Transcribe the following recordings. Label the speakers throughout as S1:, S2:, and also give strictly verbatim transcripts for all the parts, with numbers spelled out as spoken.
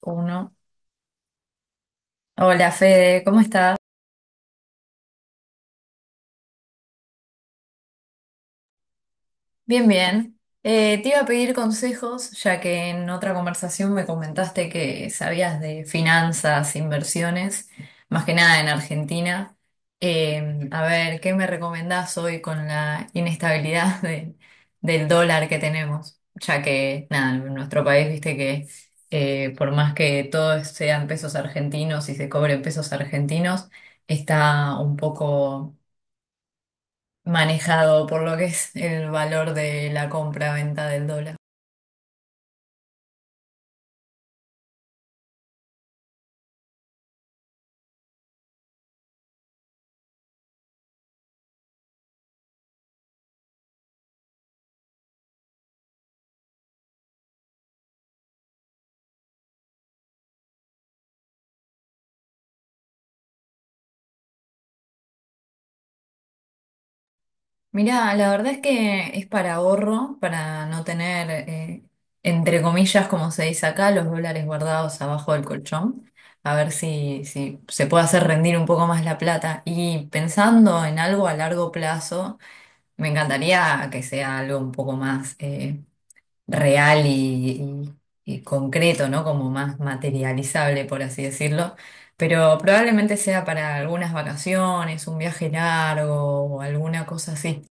S1: Uno. Hola Fede, ¿cómo estás? Bien, bien. Eh, te iba a pedir consejos, ya que en otra conversación me comentaste que sabías de finanzas, inversiones, más que nada en Argentina. Eh, a ver, ¿qué me recomendás hoy con la inestabilidad de- del dólar que tenemos? Ya que, nada, en nuestro país, viste que eh, por más que todos sean pesos argentinos y se cobren pesos argentinos, está un poco manejado por lo que es el valor de la compra-venta del dólar. Mirá, la verdad es que es para ahorro, para no tener, eh, entre comillas, como se dice acá, los dólares guardados abajo del colchón, a ver si, si se puede hacer rendir un poco más la plata. Y pensando en algo a largo plazo, me encantaría que sea algo un poco más... eh, real y, y- y concreto, ¿no? Como más materializable, por así decirlo. Pero probablemente sea para algunas vacaciones, un viaje largo o alguna cosa así.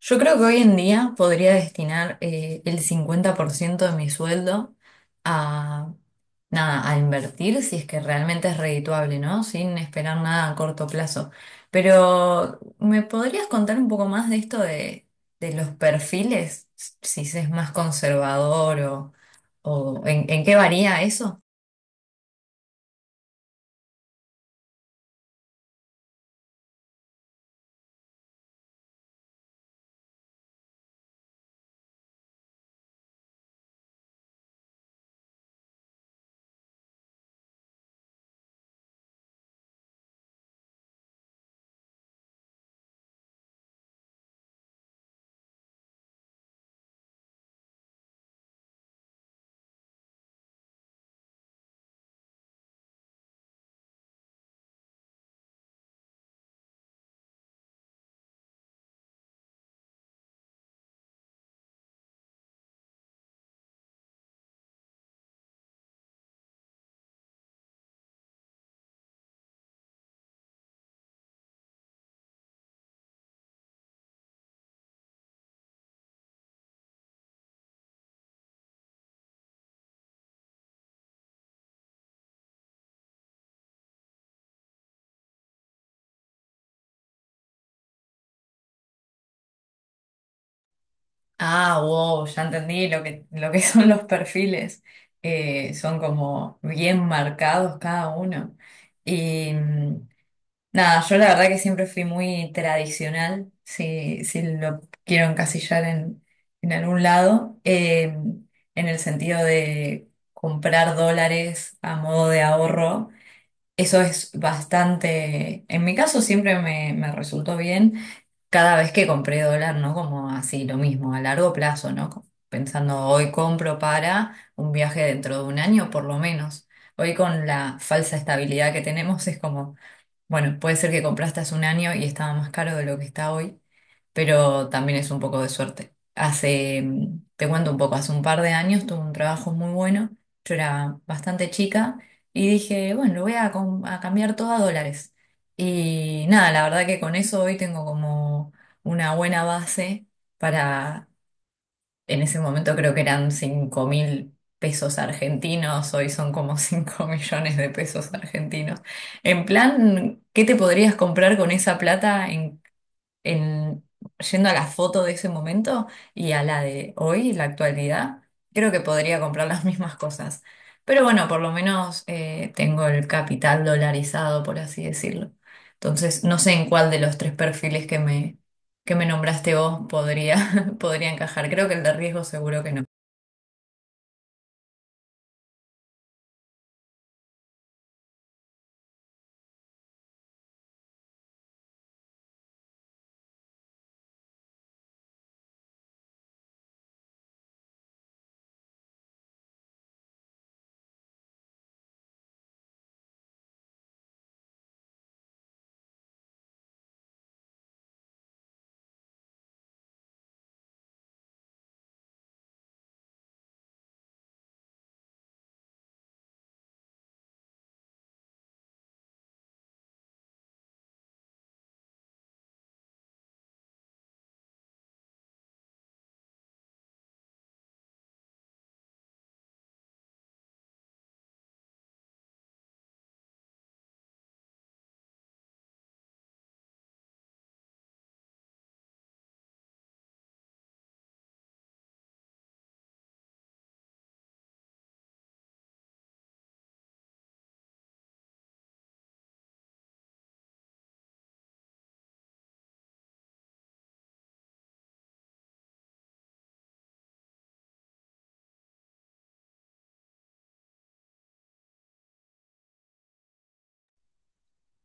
S1: Yo creo que hoy en día podría destinar eh, el cincuenta por ciento de mi sueldo a, nada, a invertir si es que realmente es redituable, ¿no? Sin esperar nada a corto plazo. Pero, ¿me podrías contar un poco más de esto de, de los perfiles? Si es más conservador o, o en, en qué varía eso. Ah, wow, ya entendí lo que, lo que son los perfiles. Eh, son como bien marcados cada uno. Y mm, nada, yo la verdad que siempre fui muy tradicional, si, si lo quiero encasillar en, en algún lado, eh, en el sentido de comprar dólares a modo de ahorro. Eso es bastante, en mi caso siempre me, me resultó bien cada vez que compré dólar, ¿no? Como así, lo mismo, a largo plazo, ¿no? Co- Pensando, hoy compro para un viaje dentro de un año, por lo menos. Hoy con la falsa estabilidad que tenemos es como, bueno, puede ser que compraste hace un año y estaba más caro de lo que está hoy, pero también es un poco de suerte. Hace, mm, te cuento un poco, hace un par de años tuve un trabajo muy bueno, yo era bastante chica y dije, bueno, lo voy a, com- a cambiar todo a dólares. Y nada, la verdad que con eso hoy tengo como una buena base para, en ese momento creo que eran cinco mil pesos argentinos, hoy son como cinco millones de pesos argentinos. En plan, ¿qué te podrías comprar con esa plata en, yendo a la foto de ese momento y a la de hoy, la actualidad, creo que podría comprar las mismas cosas. Pero bueno, por lo menos eh, tengo el capital dolarizado, por así decirlo. Entonces, no sé en cuál de los tres perfiles que me, que me nombraste vos podría, podría encajar. Creo que el de riesgo seguro que no.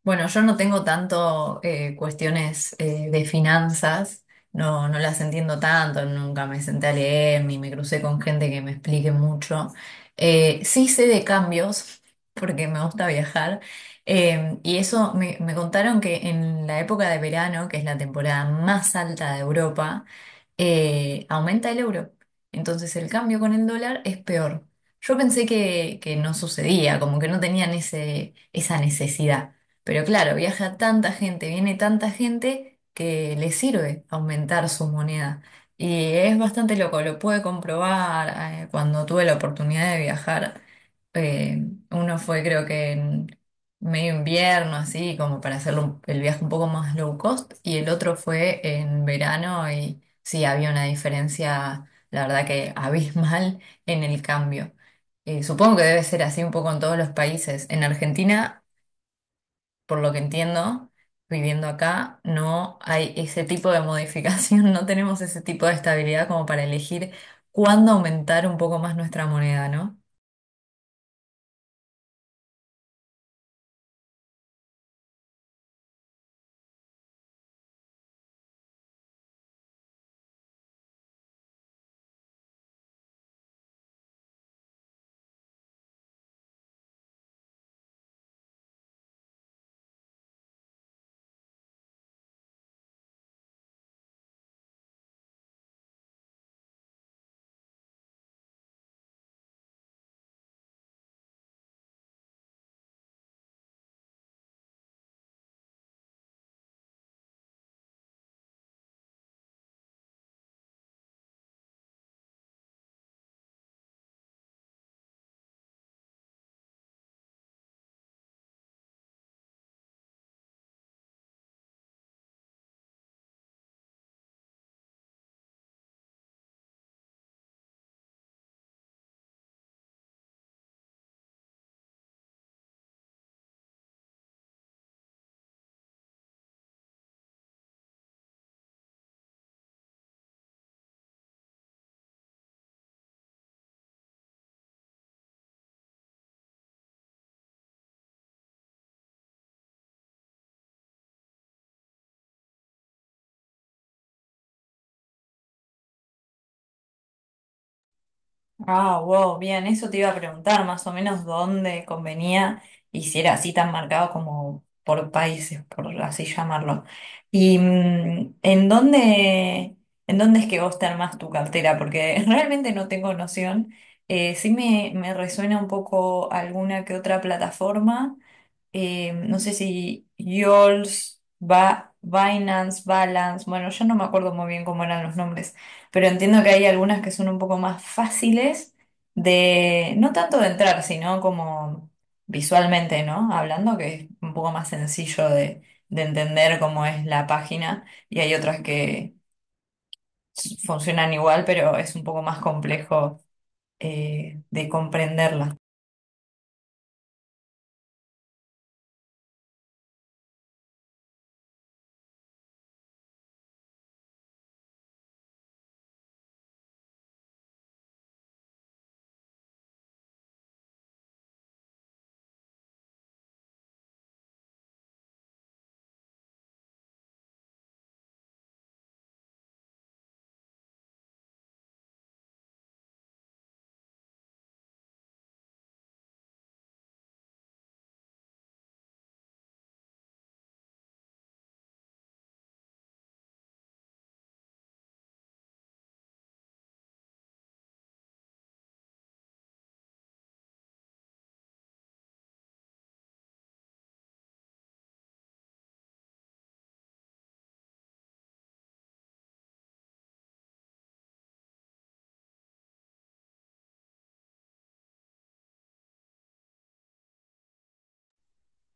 S1: Bueno, yo no tengo tanto eh, cuestiones eh, de finanzas, no, no las entiendo tanto, nunca me senté a leer ni me crucé con gente que me explique mucho. Eh, sí sé de cambios, porque me gusta viajar, eh, y eso me, me contaron que en la época de verano, que es la temporada más alta de Europa, eh, aumenta el euro. Entonces el cambio con el dólar es peor. Yo pensé que, que no sucedía, como que no tenían ese, esa necesidad. Pero claro, viaja tanta gente, viene tanta gente que le sirve aumentar su moneda. Y es bastante loco, lo pude comprobar eh, cuando tuve la oportunidad de viajar. eh, Uno fue creo que en medio invierno, así como para hacer el viaje un poco más low cost, y el otro fue en verano y sí, había una diferencia, la verdad que abismal en el cambio. Eh, supongo que debe ser así un poco en todos los países. En Argentina, por lo que entiendo, viviendo acá, no hay ese tipo de modificación, no tenemos ese tipo de estabilidad como para elegir cuándo aumentar un poco más nuestra moneda, ¿no? Ah, wow, bien, eso te iba a preguntar más o menos dónde convenía y si era así tan marcado como por países, por así llamarlo. Y mm, en dónde, en dónde es que vos te armás tu cartera, porque realmente no tengo noción. Eh, sí me, me resuena un poco alguna que otra plataforma eh, no sé si Yols, ba Binance, Balance, bueno, yo no me acuerdo muy bien cómo eran los nombres, pero entiendo que hay algunas que son un poco más fáciles de, no tanto de entrar, sino como visualmente, ¿no? Hablando, que es un poco más sencillo de, de entender cómo es la página, y hay otras que s- funcionan igual, pero es un poco más complejo eh, de comprenderlas.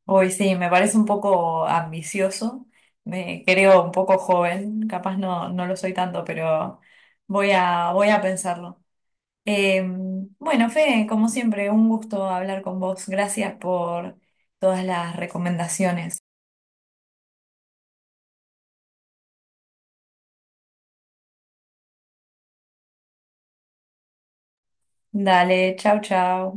S1: Hoy sí, me parece un poco ambicioso, me creo un poco joven, capaz no, no lo soy tanto, pero voy a, voy a pensarlo. Eh, bueno, Fede, como siempre, un gusto hablar con vos. Gracias por todas las recomendaciones. Dale, chau, chau.